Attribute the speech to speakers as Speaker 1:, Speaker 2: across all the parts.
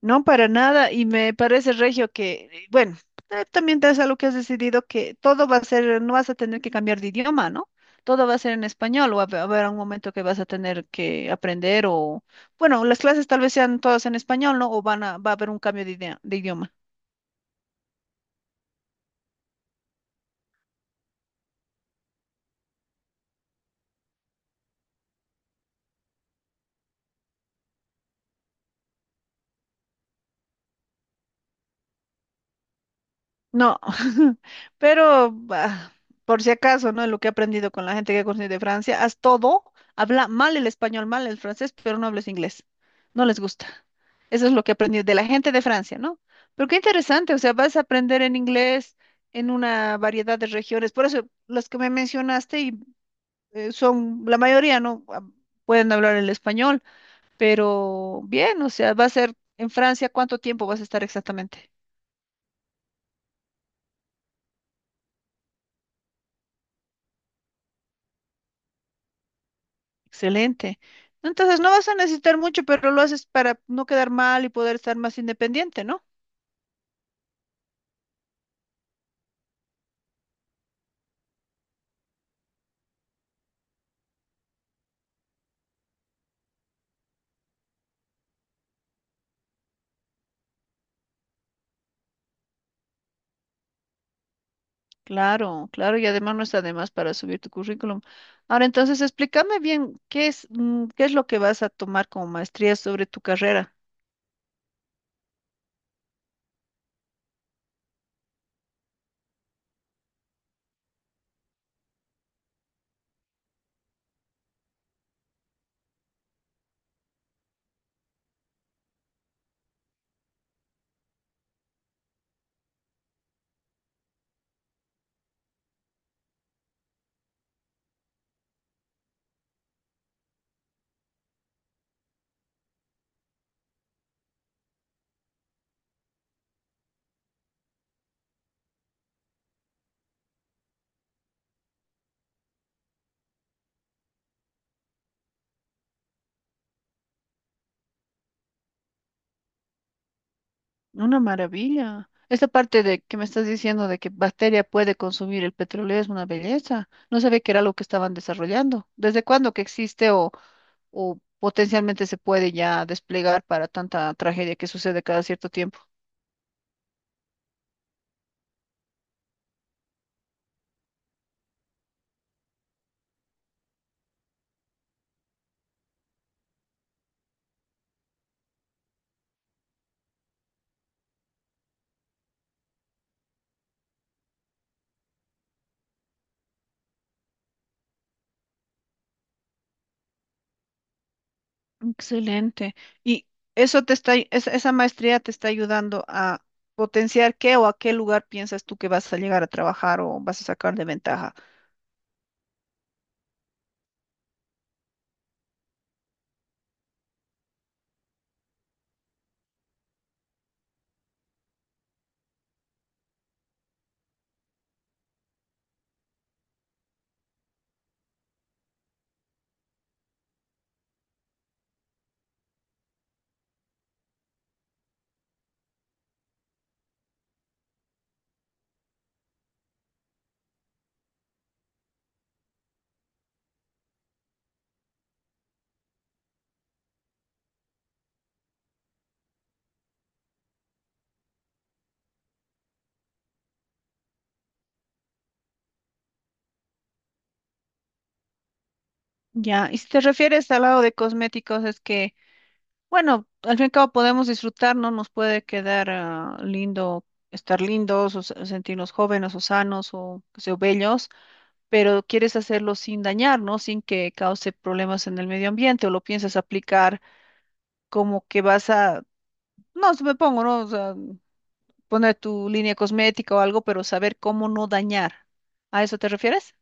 Speaker 1: No, para nada, y me parece, Regio, que, bueno, también te es algo que has decidido que todo va a ser, no vas a tener que cambiar de idioma, ¿no? Todo va a ser en español, o va a haber un momento que vas a tener que aprender, o, bueno, las clases tal vez sean todas en español, ¿no? O va a haber un cambio de idioma. No, pero bah, por si acaso, ¿no? Lo que he aprendido con la gente que he conocido de Francia, haz todo, habla mal el español, mal el francés, pero no hables inglés. No les gusta. Eso es lo que he aprendido de la gente de Francia, ¿no? Pero qué interesante, o sea, vas a aprender en inglés en una variedad de regiones. Por eso, las que me mencionaste y, son, la mayoría, ¿no? Ah, pueden hablar el español, pero bien, o sea, va a ser en Francia, ¿cuánto tiempo vas a estar exactamente? Excelente. Entonces no vas a necesitar mucho, pero lo haces para no quedar mal y poder estar más independiente, ¿no? Claro, claro, y además no está de más para subir tu currículum. Ahora entonces explícame bien qué es lo que vas a tomar como maestría sobre tu carrera. Una maravilla. Esta parte de que me estás diciendo de que bacteria puede consumir el petróleo es una belleza. No sabía que era lo que estaban desarrollando. ¿Desde cuándo que existe o potencialmente se puede ya desplegar para tanta tragedia que sucede cada cierto tiempo? Excelente. ¿Y eso te está, esa maestría te está ayudando a potenciar qué o a qué lugar piensas tú que vas a llegar a trabajar o vas a sacar de ventaja? Ya, y si te refieres al lado de cosméticos, es que, bueno, al fin y al cabo podemos disfrutar, ¿no? Nos puede quedar lindo, estar lindos, o sentirnos jóvenes o sanos o, qué sé yo, bellos, pero quieres hacerlo sin dañar, ¿no? Sin que cause problemas en el medio ambiente o lo piensas aplicar como que vas a, no, se me pongo, ¿no? poner tu línea cosmética o algo, pero saber cómo no dañar. ¿A eso te refieres?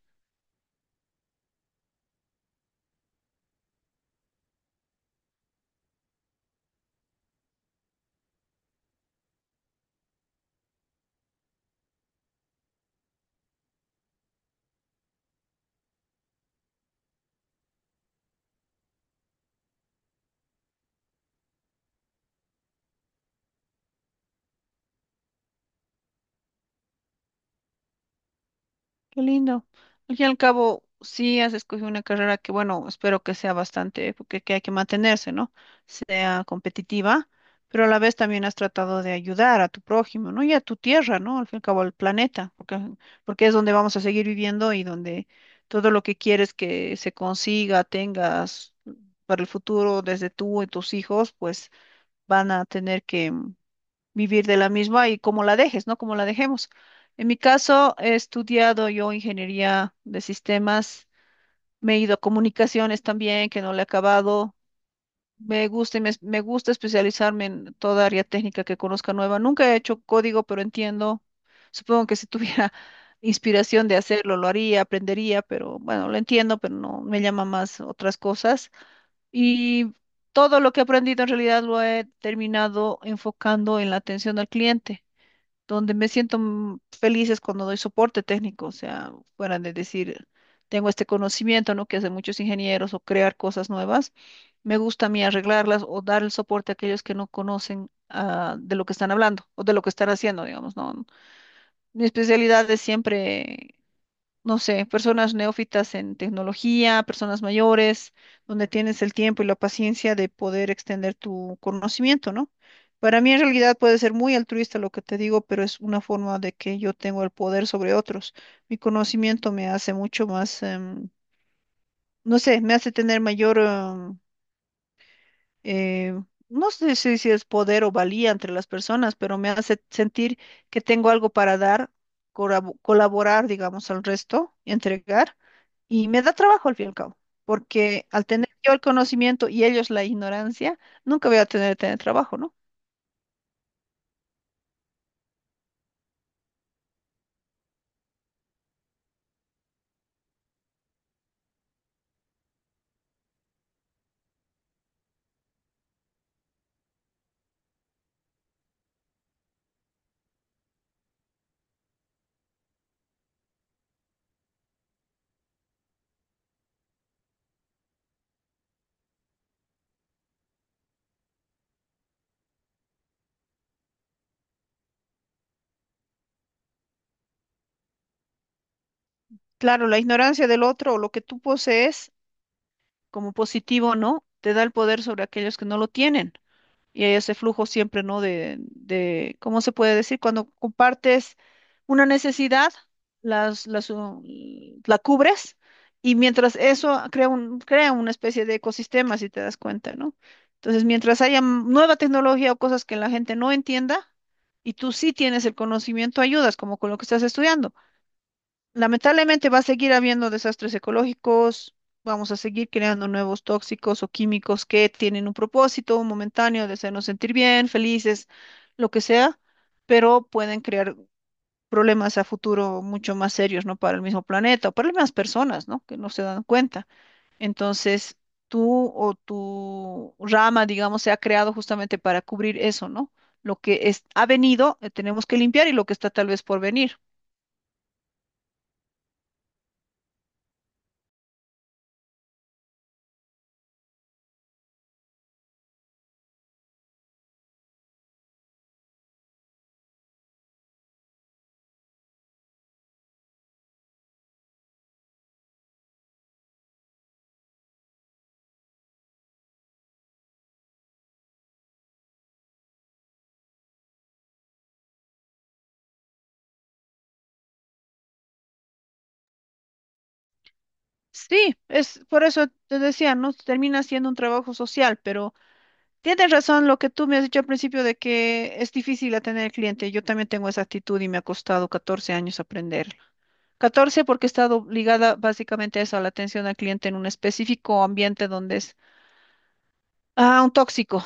Speaker 1: Qué lindo. Al fin y al cabo, sí has escogido una carrera que, bueno, espero que sea bastante, porque que hay que mantenerse, ¿no? Sea competitiva, pero a la vez también has tratado de ayudar a tu prójimo, ¿no? Y a tu tierra, ¿no? Al fin y al cabo, al planeta, porque, porque es donde vamos a seguir viviendo y donde todo lo que quieres que se consiga, tengas para el futuro, desde tú y tus hijos, pues van a tener que vivir de la misma y cómo la dejes, ¿no? Cómo la dejemos. En mi caso, he estudiado yo ingeniería de sistemas, me he ido a comunicaciones también, que no le he acabado. Me gusta y me gusta especializarme en toda área técnica que conozca nueva. Nunca he hecho código, pero entiendo. Supongo que si tuviera inspiración de hacerlo, lo haría, aprendería, pero bueno, lo entiendo, pero no me llama más otras cosas. Y todo lo que he aprendido en realidad lo he terminado enfocando en la atención al cliente donde me siento feliz es cuando doy soporte técnico, o sea, fuera de decir, tengo este conocimiento, ¿no? Que hacen muchos ingenieros o crear cosas nuevas. Me gusta a mí arreglarlas o dar el soporte a aquellos que no conocen de lo que están hablando o de lo que están haciendo, digamos, ¿no? Mi especialidad es siempre no sé, personas neófitas en tecnología, personas mayores, donde tienes el tiempo y la paciencia de poder extender tu conocimiento, ¿no? Para mí en realidad puede ser muy altruista lo que te digo, pero es una forma de que yo tengo el poder sobre otros. Mi conocimiento me hace mucho más, no sé, me hace tener mayor, eh, no sé si, si es poder o valía entre las personas, pero me hace sentir que tengo algo para dar, colaborar, digamos, al resto, entregar, y me da trabajo al fin y al cabo, porque al tener yo el conocimiento y ellos la ignorancia, nunca voy a tener trabajo, ¿no? Claro, la ignorancia del otro o lo que tú posees como positivo, ¿no? Te da el poder sobre aquellos que no lo tienen. Y hay ese flujo siempre, ¿no? ¿Cómo se puede decir? Cuando compartes una necesidad, las, las, uh, la cubres y mientras eso crea una especie de ecosistema, si te das cuenta, ¿no? Entonces, mientras haya nueva tecnología o cosas que la gente no entienda y tú sí tienes el conocimiento, ayudas, como con lo que estás estudiando. Lamentablemente va a seguir habiendo desastres ecológicos, vamos a seguir creando nuevos tóxicos o químicos que tienen un propósito momentáneo de hacernos sentir bien, felices, lo que sea, pero pueden crear problemas a futuro mucho más serios, ¿no? Para el mismo planeta o para las mismas personas, ¿no? Que no se dan cuenta. Entonces, tú o tu rama, digamos, se ha creado justamente para cubrir eso, ¿no? Lo que es, ha venido, tenemos que limpiar y lo que está tal vez por venir. Sí, es por eso te decía, ¿no? Termina siendo un trabajo social, pero tienes razón lo que tú me has dicho al principio de que es difícil atender al cliente. Yo también tengo esa actitud y me ha costado 14 años aprenderlo. 14 porque he estado ligada básicamente a eso, a la atención al cliente en un específico ambiente donde es un tóxico.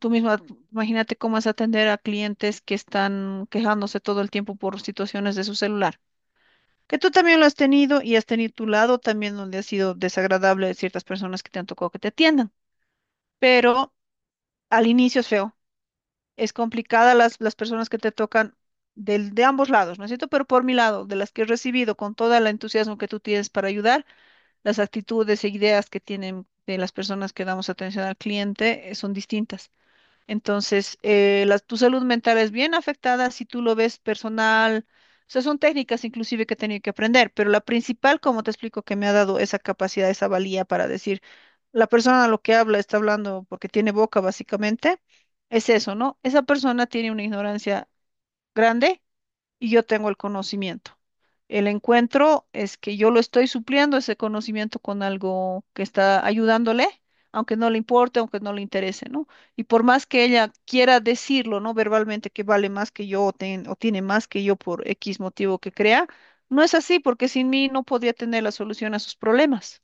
Speaker 1: Tú misma, imagínate cómo es atender a clientes que están quejándose todo el tiempo por situaciones de su celular. Que tú también lo has tenido y has tenido tu lado también donde ha sido desagradable de ciertas personas que te han tocado que te atiendan. Pero al inicio es feo. Es complicada las personas que te tocan del, de ambos lados, ¿no es cierto? Pero por mi lado, de las que he recibido con todo el entusiasmo que tú tienes para ayudar, las actitudes e ideas que tienen de las personas que damos atención al cliente son distintas. Entonces, tu salud mental es bien afectada si tú lo ves personal. O sea, son técnicas inclusive que he tenido que aprender, pero la principal, como te explico, que me ha dado esa capacidad, esa valía para decir, la persona a lo que habla está hablando porque tiene boca, básicamente, es eso, ¿no? Esa persona tiene una ignorancia grande y yo tengo el conocimiento. El encuentro es que yo lo estoy supliendo ese conocimiento con algo que está ayudándole, aunque no le importe, aunque no le interese, ¿no? Y por más que ella quiera decirlo, ¿no? Verbalmente que vale más que yo o tiene más que yo por X motivo que crea, no es así porque sin mí no podría tener la solución a sus problemas.